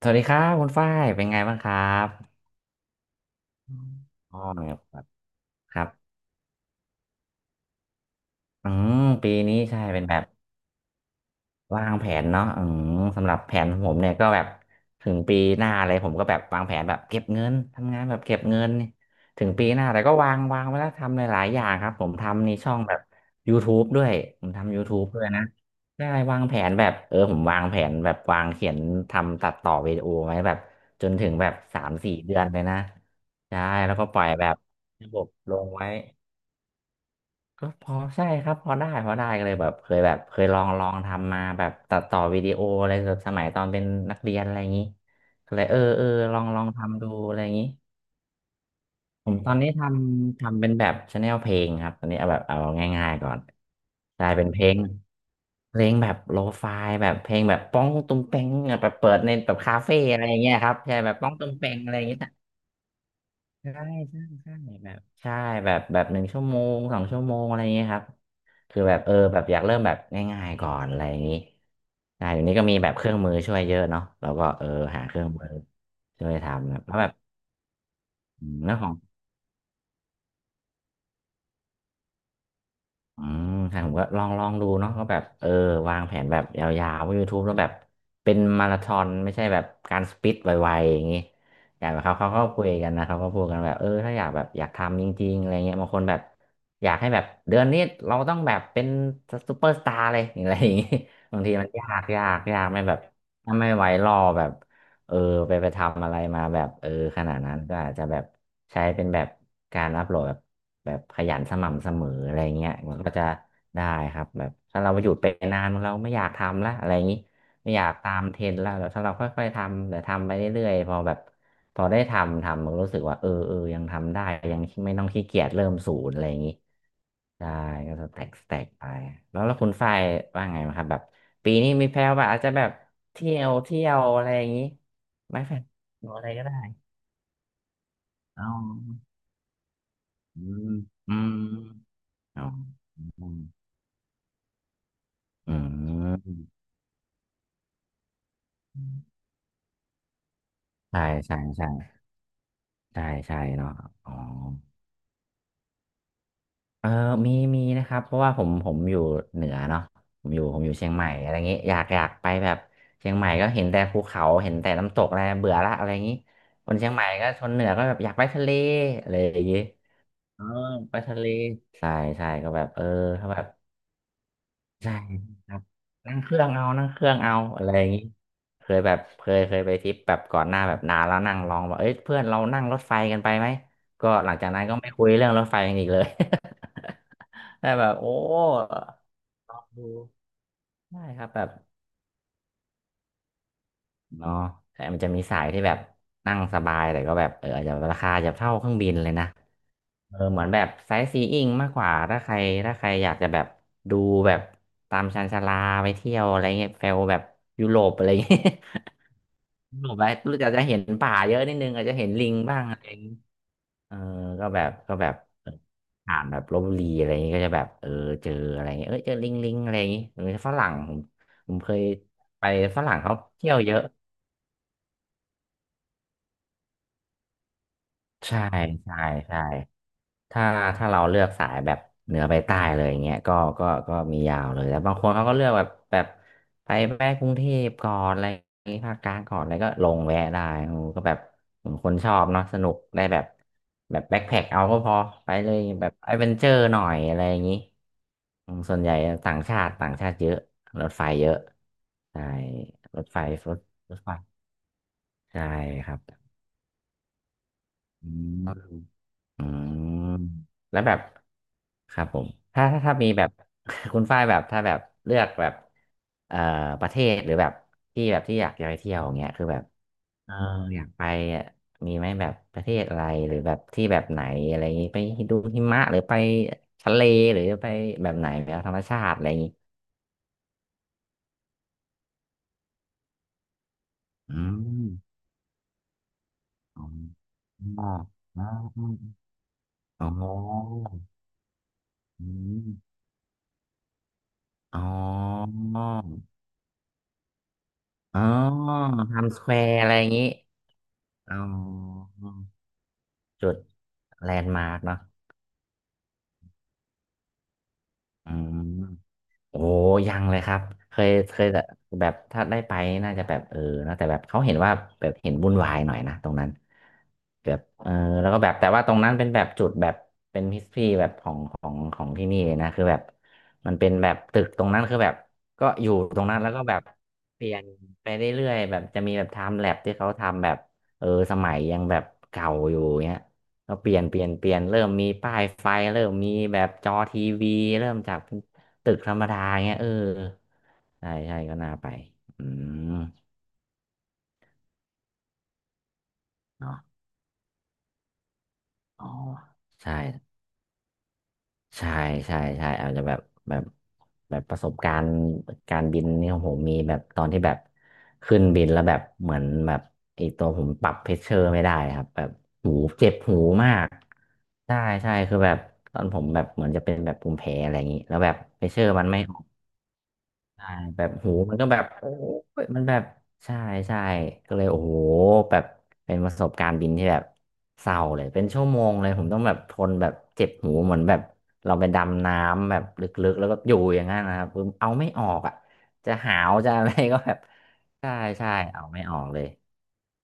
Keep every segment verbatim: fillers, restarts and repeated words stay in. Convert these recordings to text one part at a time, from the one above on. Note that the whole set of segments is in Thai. สวัสดีครับคุณฝ้ายเป็นไงบ้างครับออ๋อครับครับอืมปีนี้ใช่เป็นแบบ วางแผนเนาะอืมสำหรับแผนของผมเนี่ยก็แบบถึงปีหน้าอะไรผมก็แบบวางแผนแบบเก็บเงินทำงานแบบเก็บเงินนี่ถึงปีหน้าแต่ก็วางวางไว้แล้วทำหลายๆอย่างครับผมทำในช่องแบบ YouTube ด้วยผมทำ YouTube ด้วยนะได้วางแผนแบบเออผมวางแผนแบบวางเขียนทำตัดต่อวิดีโอไว้แบบจนถึงแบบสามสี่เดือนเลยนะใช่แล้วก็ปล่อยแบบระบบลงไว้ ก็พอใช่ครับพอได้พอได้ก็เลยแบบเคยแบบเคยลองลองทำมาแบบตัดต่อวิดีโออะไรแบบสมัยตอนเป็นนักเรียนอะไรอย่างนี้ก็เลยเออเออลองลองทำดูอะไรอย่างนี้ผมตอนนี้ทำทำเป็นแบบชาแนลเพลงครับตอนนี้เอาแบบเอาง่ายๆก่อนกลายเป็นเพลงเพลงแบบโลฟายแบบเพลงแบบป้องตุ้มเป้งแบบเปิดในแบบคาเฟ่อะไรอย่างเงี้ยครับใช่แบบป้องตุ้มเป้งอะไรอย่างเงี้ย ใช่ใช่ใช่แบบใช่แบบแบบหนึ่งชั่วโมงสองชั่วโมงอะไรอย่างเงี้ยครับคือแบบเออแบบอยากเริ่มแบบง่ายๆก่อนอะไรอย่างงี้อ่าอยู่นี้ก็มีแบบเครื่องมือช่วยเยอะเนาะแล้วก็เออหาเครื่องมือช่วยทำครับแล้วแบบอืมเรื่องของ อืมใช่ผมก็ลองลองดูเนาะก็แบบเออวางแผนแบบยาวๆว่า YouTube แล้วแบบเป็นมาราธอนไม่ใช่แบบการสปิดไวๆอย่างงี้อย่างเขาเขาก็คุยกันนะเขาก็พูดกันแบบเออถ้าอยากแบบอยากทำจริงๆอะไรเงี้ยบางคนแบบอยากให้แบบเดือนนี้เราต้องแบบเป็นซูเปอร์สตาร์เลยอะไรอย่างงี้ บางทีมันยากยากยากไม่แบบถ้าไม่ไหวรอแบบเออไปไปทำอะไรมาแบบเออขนาดนั้นก็อาจจะแบบใช้เป็นแบบการอัพโหลดแบบ แบบขยันสม่ำเสมออะไรเงี้ยมันก็จะได้ครับแบบถ้าเราหยุดไปนานเราไม่อยากทำละอะไรอย่างนี้ไม่อยากตามเทรนด์ละแล้วถ้าเราค่อยๆทำแต่ทำไปเรื่อยๆพอแบบพอได้ทำทำมันรู้สึกว่าเออเออยังทำได้ยังไม่ต้องขี้เกียจเริ่มศูนย์อะไรอย่างนี้ได้ก็สแต็กสแต็กไปแล้วแล้วคุณฝ้ายว่าไงไหมครับแบบปีนี้มีแพลนว่าอาจจะแบบเที่ยวเที่ยวอะไรอย่างนี้ไหม่แฟนหรืออะไรก็ได้อ๋ออืมอืมอ๋อ อืมใช่ใช่ใช่ใช่ใช่เนาะอ๋อเออมีมีนะครับเพราะว่าผมผมอยู่เหนือเนาะผมอยู่ผมอยู่เชียงใหม่อะไรอย่างงี้อยากอยากไปแบบเชียงใหม่ก็เห็นแต่ภูเขาเห็นแต่น้ำตกอะไรเบื่อละอะไรอย่างงี้คนเชียงใหม่ก็ชนเหนือก็แบบอยากไปทะเลอะไรอย่างงี้เออไปทะเลใช่ใช่ก็แบบเออถ้าแบบ ใช่ครับนั่งเครื่องเอานั่งเครื่องเอาอะไรอย่างนี้เคยแบบเคยเคยไปทริปแบบก่อนหน้าแบบนานแล้วนั่งลองว่าเอ้ยเพื่อนเรานั่งรถไฟกันไปไหมก็หลังจากนั้นก็ไม่คุยเรื่องรถไฟกันอีกเลย แต่แบบโอ้ลองดูได้ครับแบบเนาะแต่มันจะมีสายที่แบบนั่งสบายแต่ก็แบบเอออาจจะราคาอาจจะเท่าเครื่องบินเลยนะ เออเหมือนแบบไซต์ซีอิ้งมากกว่าถ้าใครถ้าใครอยากจะแบบดูแบบตามชานชาลาไปเที่ยวอะไรเงี้ยเฟลแบบยุโรปอะไรเงี้ย ยุโรปไปรู้จักจะเห็นป่าเยอะนิดนึงอาจจะเห็นลิงบ้างอะไรอย่างงี้เออก็แบบก็แบบเออผ่านแบบลพบุรีอะไรอย่างงี้ก็จะแบบเออเจออะไรเงี้ยเออเจอลิงลิงอะไรอย่างงี้หรือฝรั่งผมผมเคยไปฝรั่งเขาเที่ยวเยอะใช่ใช่ใช่ ถ้าถ้าเราเลือกสายแบบเหนือไปใต้เลยอย่างเงี้ยก็ก็ก็มียาวเลยแต่บางคนเขาก็เลือกแบบแบบไปแวะกรุงเทพก่อนอะไรอย่างงี้ภาคกลางก่อนอะไรก็ลงแวะได้โอ้ก็แบบเหมือนคนชอบเนาะสนุกได้แบบแบบแบ็คแพ็คเอาก็พอไปเลยแบบแอดเวนเจอร์หน่อยอะไรอย่างงี้อืมส่วนใหญ่ต่างชาติต่างชาติเยอะรถไฟเยอะใช่รถไฟรถรถไฟใช่ครับอืม อืมแล้วแบบครับผมถ้าถ้าถ้ามีแบบ คุณฝ้ายแบบถ้าแบบเลือกแบบเอ่อประเทศหรือแบบที่แบบที่อยากจะไปเที่ยวอย่างเงี้ยคือแบบเอออยากไปอ่ะมีไหมแบบประเทศอะไรหรือแบบที่แบบไหนอะไรอย่างงี้ไปดูหิมะหรือไปทะเลหรือไปแบบไหนแบบธรรมชาติอะไรอย่างงี้อืมอ๋ออ๋ออ๋ออ๋ออืมอ๋ออ๋อไทม์สแควร์อะไรอย่างนี้ อ๋อจุดแลนด์มาร์กเนาะอืมโอ้ยังเลยครับเคยเคยแต่แบบถ้าได้ไปน่าจะแบบเออนะแต่แบบเขาเห็นว่าแบบเห็นวุ่นวายหน่อยนะตรงนั้นแบบเออแล้วก็แบบแต่ว่าตรงนั้นเป็นแบบจุดแบบเป็นฮิสทรีแบบของของของที่นี่เลยนะคือแบบมันเป็นแบบตึกตรงนั้นคือแบบก็อยู่ตรงนั้นแล้วก็แบบเปลี่ยนไปเรื่อยๆแบบจะมีแบบไทม์แลปที่เขาทำแบบเออสมัยยังแบบเก่าอยู่เงี้ย เราเปลี่ยนเปลี่ยนเปลี่ยนเริ่มมีป้ายไฟเริ่มมีแบบจอทีวีเริ่มจากเป็นตึกธรรมดาเงี้ยเออใช่ใช่ก็น่าไปอืมเนาะอ๋อใช่ใช่ใช่ใช่อาจจะแบบแบบแบบประสบการณ์การบินนี่ของผมมีแบบตอนที่แบบขึ้นบินแล้วแบบเหมือนแบบไอตัวผมปรับเพชเชอร์ไม่ได้ครับแบบหูเจ็บหูมากใช่ใช่คือแบบตอนผมแบบเหมือนจะเป็นแบบภูมิแพ้อะไรอย่างนี้แล้วแบบเพชเชอร์มันไม่ ใช่แบบโหมันก็แบบโอ้ยมันแบบใช่ใช่ก็เลยโอ้โหแบบเป็นประสบการณ์บินที่แบบเศร้าเลยเป็นชั่วโมงเลยผมต้องแบบทนแบบเจ็บหูเหมือนแบบเราไปดำน้ำแบบลึกๆแล้วก็อยู่อย่างนั้นนะครับคือเอาไม่ออกอ่ะจะหาวจะอะไรก็แบบใช่ใช่เอาไม่ออกเลย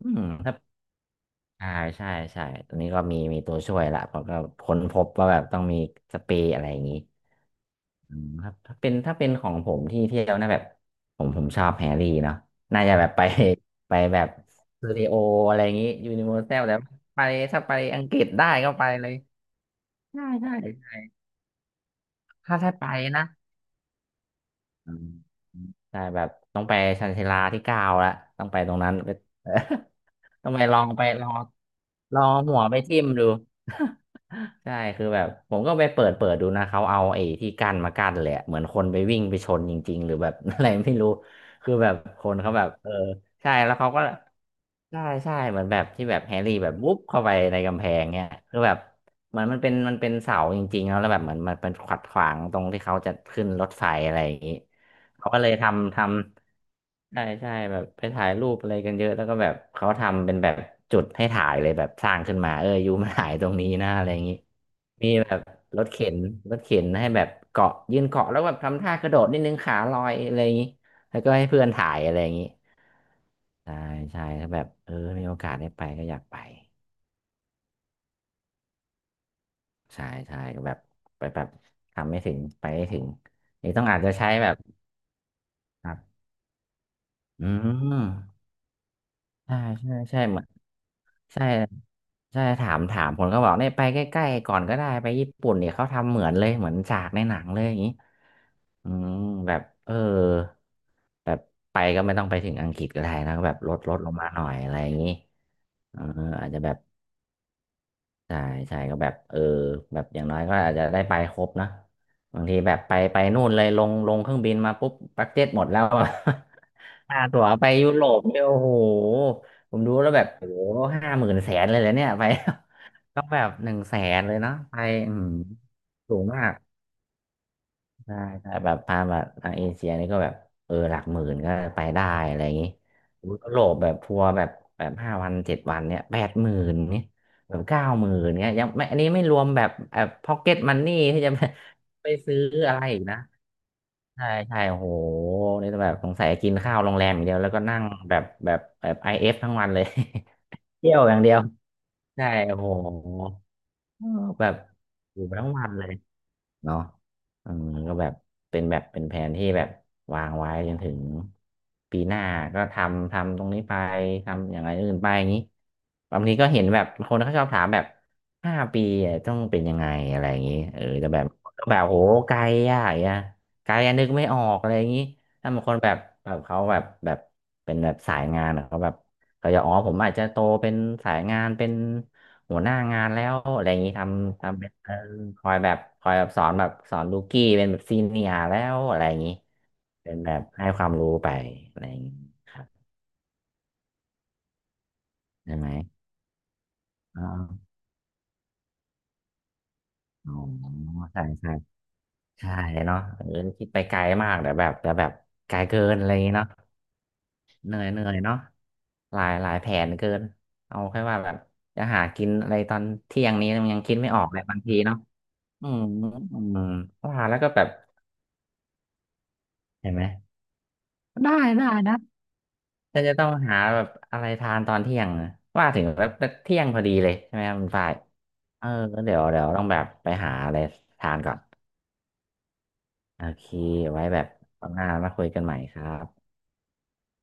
อืมครับใช่ใช่ใช่ตอนนี้ก็มีมีตัวช่วยละผมก็ค้นพบว่าแบบต้องมีสเปรย์อะไรอย่างนี้ อืมครับถ้าเป็นถ้าเป็นของผมที่เที่ยวนะแบบผมผมชอบแฮร์รี่เนาะน่าจะแบบไป ไปแบบสตูดิโออะไรอย่างงี้ยูนิเวอร์แซลแต่ไปถ้าไปอังกฤษได้ก็ไปเลยใช่ใช่ใช่ถ้าถ้าไปนะอืมใช่แบบต้องไปชันชาลาที่เก้าละต้องไปตรงนั้น ทำไมลองไปลองลองเอาหัวไปทิ่มดู ใช่คือแบบผมก็ไปเปิดเปิดดูนะเขาเอาไอ้ที่กั้นมากั้นแหลยอะเหมือนคนไปวิ่งไปชนจริงๆหรือแบบ อะไรไม่รู้คือแบบคนเขาแบบเออใช่แล้วเขาก็ใช่ใช่เหมือนแบบที่แบบแฮร์รี่แบบวุบเข้าไปในกำแพงเนี่ยคือแบบเหมือนมันเป็นมันเป็นเสาจริงๆแล้วแล้วแบบเหมือนมันเป็นขัดขวางตรงที่เขาจะขึ้นรถไฟอะไรอย่างนี้เขาก็เลยทำทำ ใช่ใช่แบบไปถ่ายรูปอะไรกันเยอะแล้วก็แบบเขาทำเป็นแบบจุดให้ถ่ายเลยแบบสร้างขึ้นมาเอออยู่มาถ่ายตรงนี้นะอะไรอย่างนี้มีแบบรถเข็นรถเข็นให้แบบเกาะยืนเกาะแล้วแบบทำท่ากระโดดนิดนึงขาลอยอะไรอย่างนี้แล้วก็ให้เพื่อนถ่ายอะไรอย่างนี้ใช่ใช่ถ้าแบบเออมีโอกาสได้ไปก็อยากไปใช่ใช่ก็แบบไปแบบทำไม่ถึงไปไม่ถึงนี่ต้องอาจจะใช้แบบครับอืมใช่ใช่ใช่เหมือน ใช่ใช่ถามถามผมก็บอกเนี่ยไปใกล้ๆก่อนก็ได้ไปญี่ปุ่นเนี่ยเขาทำเหมือนเลยเหมือนฉากในหนังเลยอย่างนี้อืมแบบเออแบบไปก็ไม่ต้องไปถึงอังกฤษก็ได้นะก็แบบลดลดลงมาหน่อยอะไรอย่างนี้เอออาจจะแบบ ใช่ใช่ก็แบบเออแบบอย่างน้อยก็อาจจะได้ไปครบนะบางทีแบบไปไปนู่นเลยลงลงเครื่องบินมาปุ๊บบัดเจ็ตหมดแล้วอะ ค่าตั๋วไปยุโรปเนี่ยโอ้โหผมดูแล้วแบบโอ้โหห้าหมื่นแสนเลยเหรอเนี่ยไป ต้องแบบหนึ่งแสนเลยเนาะไปอืมสูงมาก ใช่ใช่แต่แบบพามาทางเอเชียนี่ก็แบบเออหลักหมื่นก็ไปได้อะไรอย่างนี้อุ๊ยยุโรปแบบทัวร์แบบแบบห้าวันเจ็ดวันเนี่ยแปดหมื่นเนี่ยแบบเก้าหมื่นเนี่ยยังไม่อันนี้ไม่รวมแบบแบบ พ็อกเก็ตมันนี่ที่จะไป ไปซื้ออะไรอีกนะใช่ใช่โอ้โหนี่แบบสงสัยกินข้าวโรงแรมอย่างเดียวแล้วก็นั่งแบบแบบแบบไอเอฟทั้งวันเลย เที่ยวอย่างเดียวใช่โอ้โหแบบอยู่ทั้งวันเลย เนาะอืมก็แบบเป็นแบบเป็นแผนที่แบบวางไว้จนถึงปีหน้าก็ทำทำตรงนี้ไปทำอย่างไรอื่นไปอย่างนี้บางทีก็เห็นแบบคนเขาชอบถามแบบห้าปีอะต้องเป็นยังไงอะไรอย่างนี้เออแต่แบบแบบโหไกลอะอย่างเงี้ยไกลอะนึกไม่ออกอะไรอย่างนี้ถ้าบางคนแบบแบบเขาแบบแบบเป็นแบบสายงานอะเขาแบบเขาจะอ๋อผมอาจจะโตเป็นสายงานเป็น หัวหน้างานแล้วอะไรอย่างนี้ทำทำเป็นเออคอยแบบคอยแบบสอนแบบสอนลูกี้เป็นแบบซีเนียร์แล้วอะไรอย่างนี้เป็นแบบให้ความรู้ไปอะไรอย่างนี้ครับใช่ไหมอ๋ออ๋อใช่ใช่ใช่เนาะเออคิดไปไกลมากเดี๋ยวแบบเดี๋ยวแบบไกลเกินอะไรอย่างนี้เนาะเหนื่อยเหนื่อยเนาะหลายหลายแผนเกินเอาแค่ว่าแบบจะหากินอะไรตอนเที่ยงนี้มันยังคิดไม่ออกเลยบางทีเนาะอืมอืมว่าแล้วก็แบบเห็นไหมได้ได้นะ ฉันจะต้องหาแบบอะไรทานตอนเที่ยงนะว่าถึงแบบเที่ยงพอดีเลยใช่ไหมครับคุณฝ้ายเออเดี๋ยวเดี๋ยวต้องแบบไปหาอะไรทานก่อนโอเคไว้แบบครัหน้ามาคุยกันใหม่ครับ